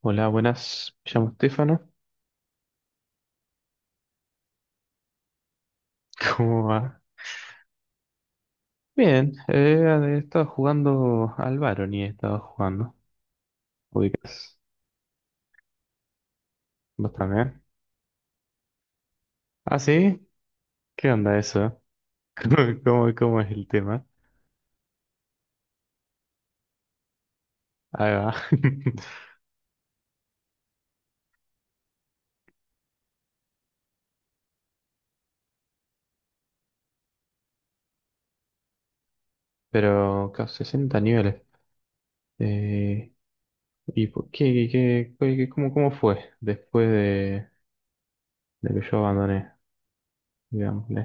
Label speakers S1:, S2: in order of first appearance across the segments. S1: Hola, buenas. Me llamo Estefano. ¿Cómo va? Bien, he estado jugando al Baron y he estado jugando. ¿Ubicas? ¿Vos también? ¿Ah, sí? ¿Qué onda eso? ¿Cómo, cómo es el tema? Ahí va. Pero, claro, 60 niveles. Eh, ¿Y por qué, qué cómo, cómo fue después de que yo abandoné? Digámosle.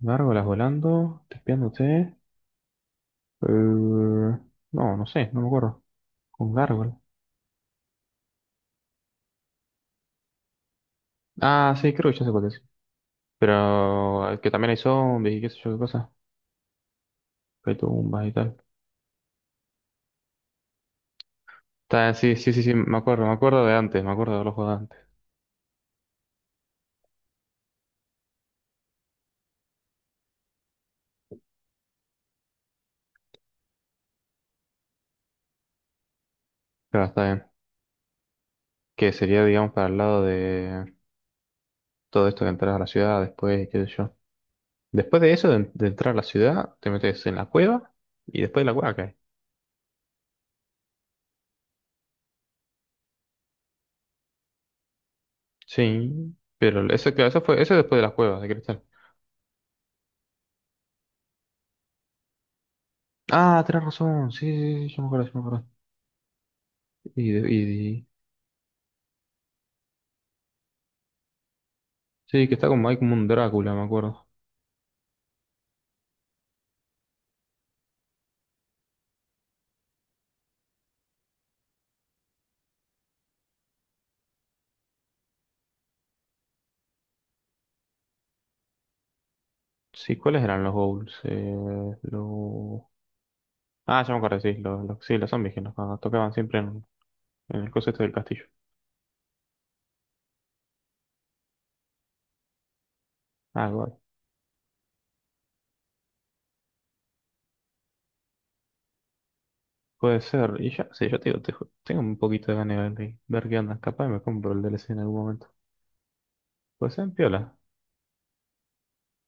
S1: Gárgolas volando, tespiándote. Eh, no, no sé, no me acuerdo. Con gárgolas. Ah, sí, creo que ya sé cuál es. Pero que también hay zombies y qué sé yo qué cosa. Que hay tumbas y tal. Está, sí, sí, sí, sí, me acuerdo de antes, me acuerdo de los juegos de antes. Claro, está bien. Que sería, digamos, para el lado de todo esto de entrar a la ciudad después y qué sé yo. Después de eso, de entrar a la ciudad, te metes en la cueva y después de la cueva cae. Sí, pero eso, claro, eso fue, eso es después de las cuevas de cristal. Ah, tenés razón, sí, sí, sí, yo me acuerdo, yo me acuerdo. Y, sí, que está como, hay como un Drácula, me acuerdo. Sí, ¿cuáles eran los goals? Lo... Ah, ya me acuerdo, sí, sí, los zombies que nos tocaban siempre en el coso este del castillo. Ah, guay. Puede ser. Y ya, sí, yo te digo, tengo un poquito de ganas de ver qué onda. Capaz me compro el DLC en algún momento. Puede ser piola.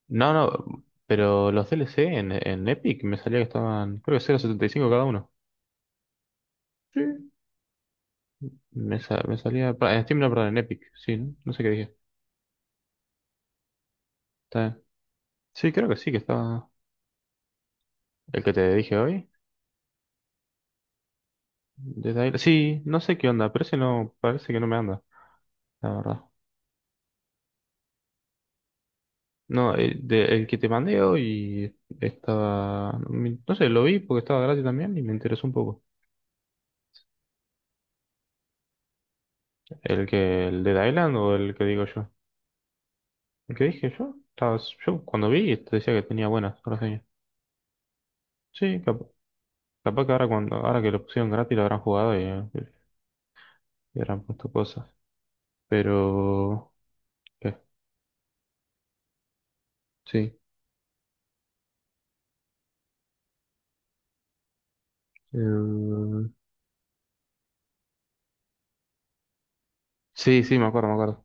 S1: No, no, pero los DLC en Epic me salía que estaban, creo que 0,75 cada uno. Sí. Me salía, en Steam no, perdón, en Epic, sí, ¿no? No sé qué dije. Está bien. Sí, creo que sí, que estaba el que te dije hoy. Sí, no sé qué onda, parece no, parece que no me anda, la verdad. No, el que te mandé hoy estaba, no sé, lo vi porque estaba gratis también y me interesó un poco. El que, el de Island o el que digo yo. El que dije yo, estaba, yo cuando vi te decía que tenía buenas reseñas. Sí, capaz, capaz que ahora cuando, ahora que lo pusieron gratis lo habrán jugado y habrán puesto cosas. Pero, ¿qué? Sí. Eh, sí, sí, me acuerdo, me acuerdo.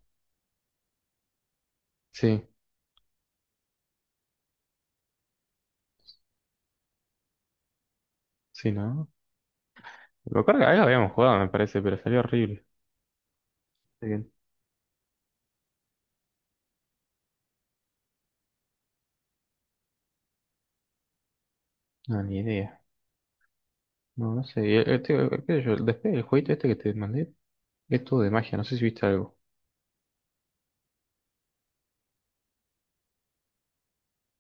S1: Sí, sí, ¿no? Me acuerdo que algo habíamos jugado, me parece, pero salió horrible. Así que, no, ni idea. No, no sé. Y este, qué sé yo, después del jueguito este que te mandé, es todo de magia, no sé si viste algo.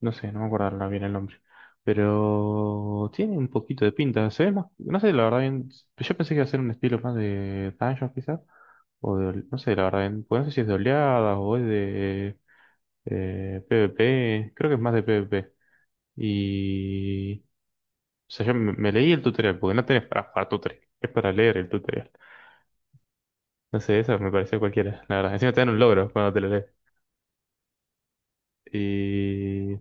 S1: No sé, no me acuerdo ahora bien el nombre. Pero tiene un poquito de pinta, se ve más, no sé, la verdad bien, yo pensé que iba a ser un estilo más de Dungeons quizás, o de, no sé, la verdad bien, pues no sé si es de oleadas o es de PvP, creo que es más de PvP. Y, o sea, yo me leí el tutorial, porque no tenés para tutorial, es para leer el tutorial. No sé, eso me pareció cualquiera, la verdad. Encima te dan un logro cuando te lo lees. Y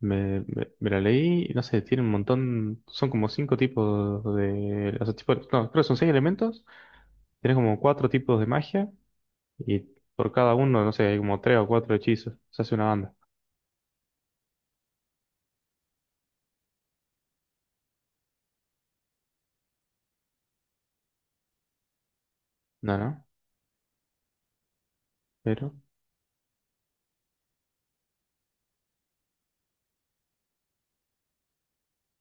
S1: me la leí, y no sé, tiene un montón, son como cinco tipos de, o sea, tipo, no, creo que son seis elementos, tiene como cuatro tipos de magia, y por cada uno, no sé, hay como tres o cuatro hechizos, se hace una banda. No, no, pero,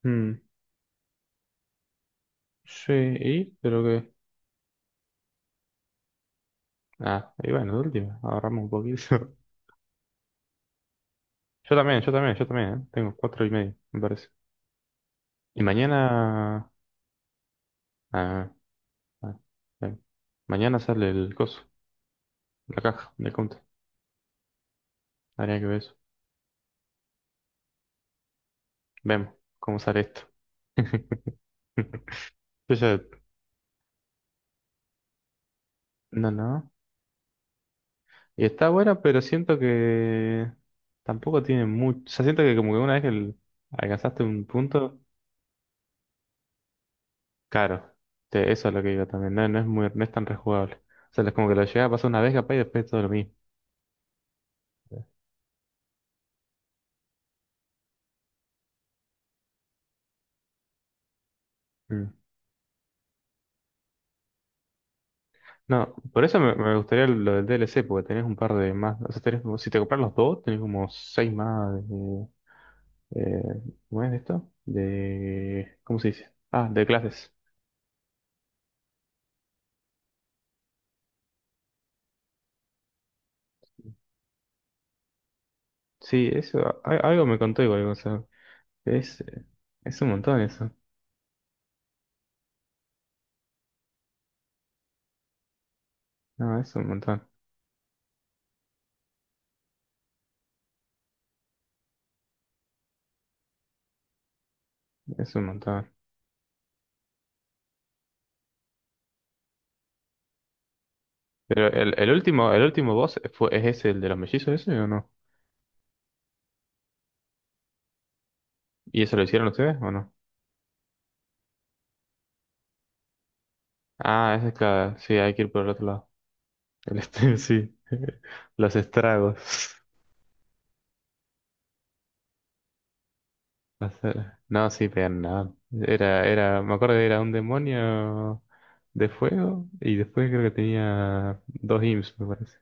S1: mm, sí, y, pero que, ah, y bueno, de última, ahorramos un poquito. Yo también, yo también, yo también, ¿eh? Tengo cuatro y medio, me parece. Y mañana, ah, ah, bien. Mañana sale el coso, la caja de compra. Habría que ver eso. Vemos cómo sale esto. Yo ya- No, no. Y está buena, pero siento que tampoco tiene mucho. O sea, siento que como que una vez que alcanzaste un punto, claro. Eso es lo que digo también. No, no es muy, no es tan rejugable. O sea, es como que lo llegas a pasar una vez capaz y después es todo lo mismo. Mm. No, por eso me gustaría lo del DLC, porque tenés un par de más. O sea, tenés, como- si te compras los dos, tenés como seis más. eh, ¿Cómo es esto? De, ¿cómo se dice? Ah, de clases. Sí, eso, algo me contó igual, o sea, es, es un montón eso. No, es un montón, es un montón. Pero el último boss fue, ¿es ese el de los mellizos ese o no? ¿Y eso lo hicieron ustedes o no? Ah, ese es claro, sí, hay que ir por el otro lado. El este, sí, los estragos. No, sí, pero nada. Era, era, me acuerdo que era un demonio de fuego y después creo que tenía dos imps, me parece.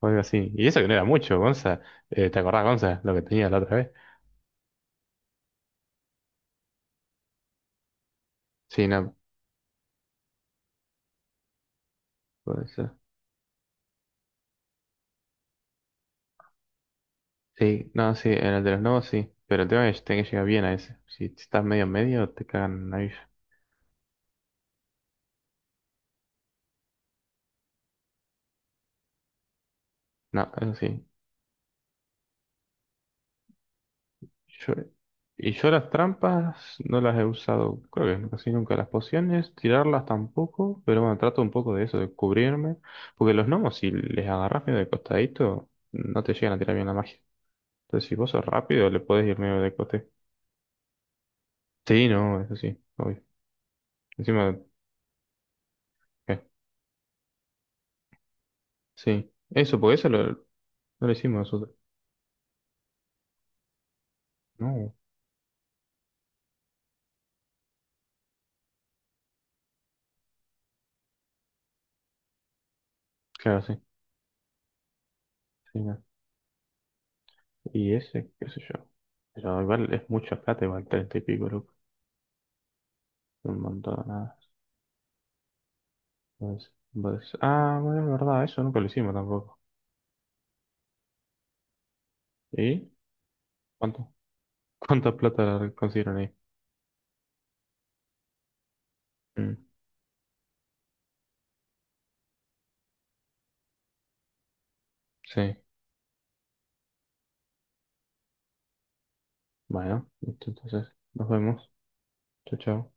S1: O algo así. Y eso que no era mucho, Gonza. ¿Te acordás, Gonza, lo que tenía la otra vez? Sí, no, por eso. Sí, no, sí, en el de los nuevos sí. Pero el tema es que tenés que llegar bien a ese. Si estás medio en medio, te cagan ahí. No, eso sí. Yo, y yo las trampas no las he usado, creo que casi nunca. Las pociones, tirarlas tampoco, pero bueno, trato un poco de eso, de cubrirme. Porque los gnomos, si les agarras medio de costadito, no te llegan a tirar bien la magia. Entonces, si vos sos rápido, le podés ir medio de coste. Sí, no, eso sí, obvio. Encima, eh, sí. Eso, porque no lo hicimos nosotros. No, claro, sí. Sí, no. Y ese, qué sé yo. Pero igual es mucha plata, igual 30 y pico, loco. Un montón. Pues, ah, bueno, es verdad, eso nunca lo hicimos tampoco. ¿Y cuánto? ¿Cuánta plata consiguieron ahí? Mm, sí, bueno, listo, entonces nos vemos. Chao, chao.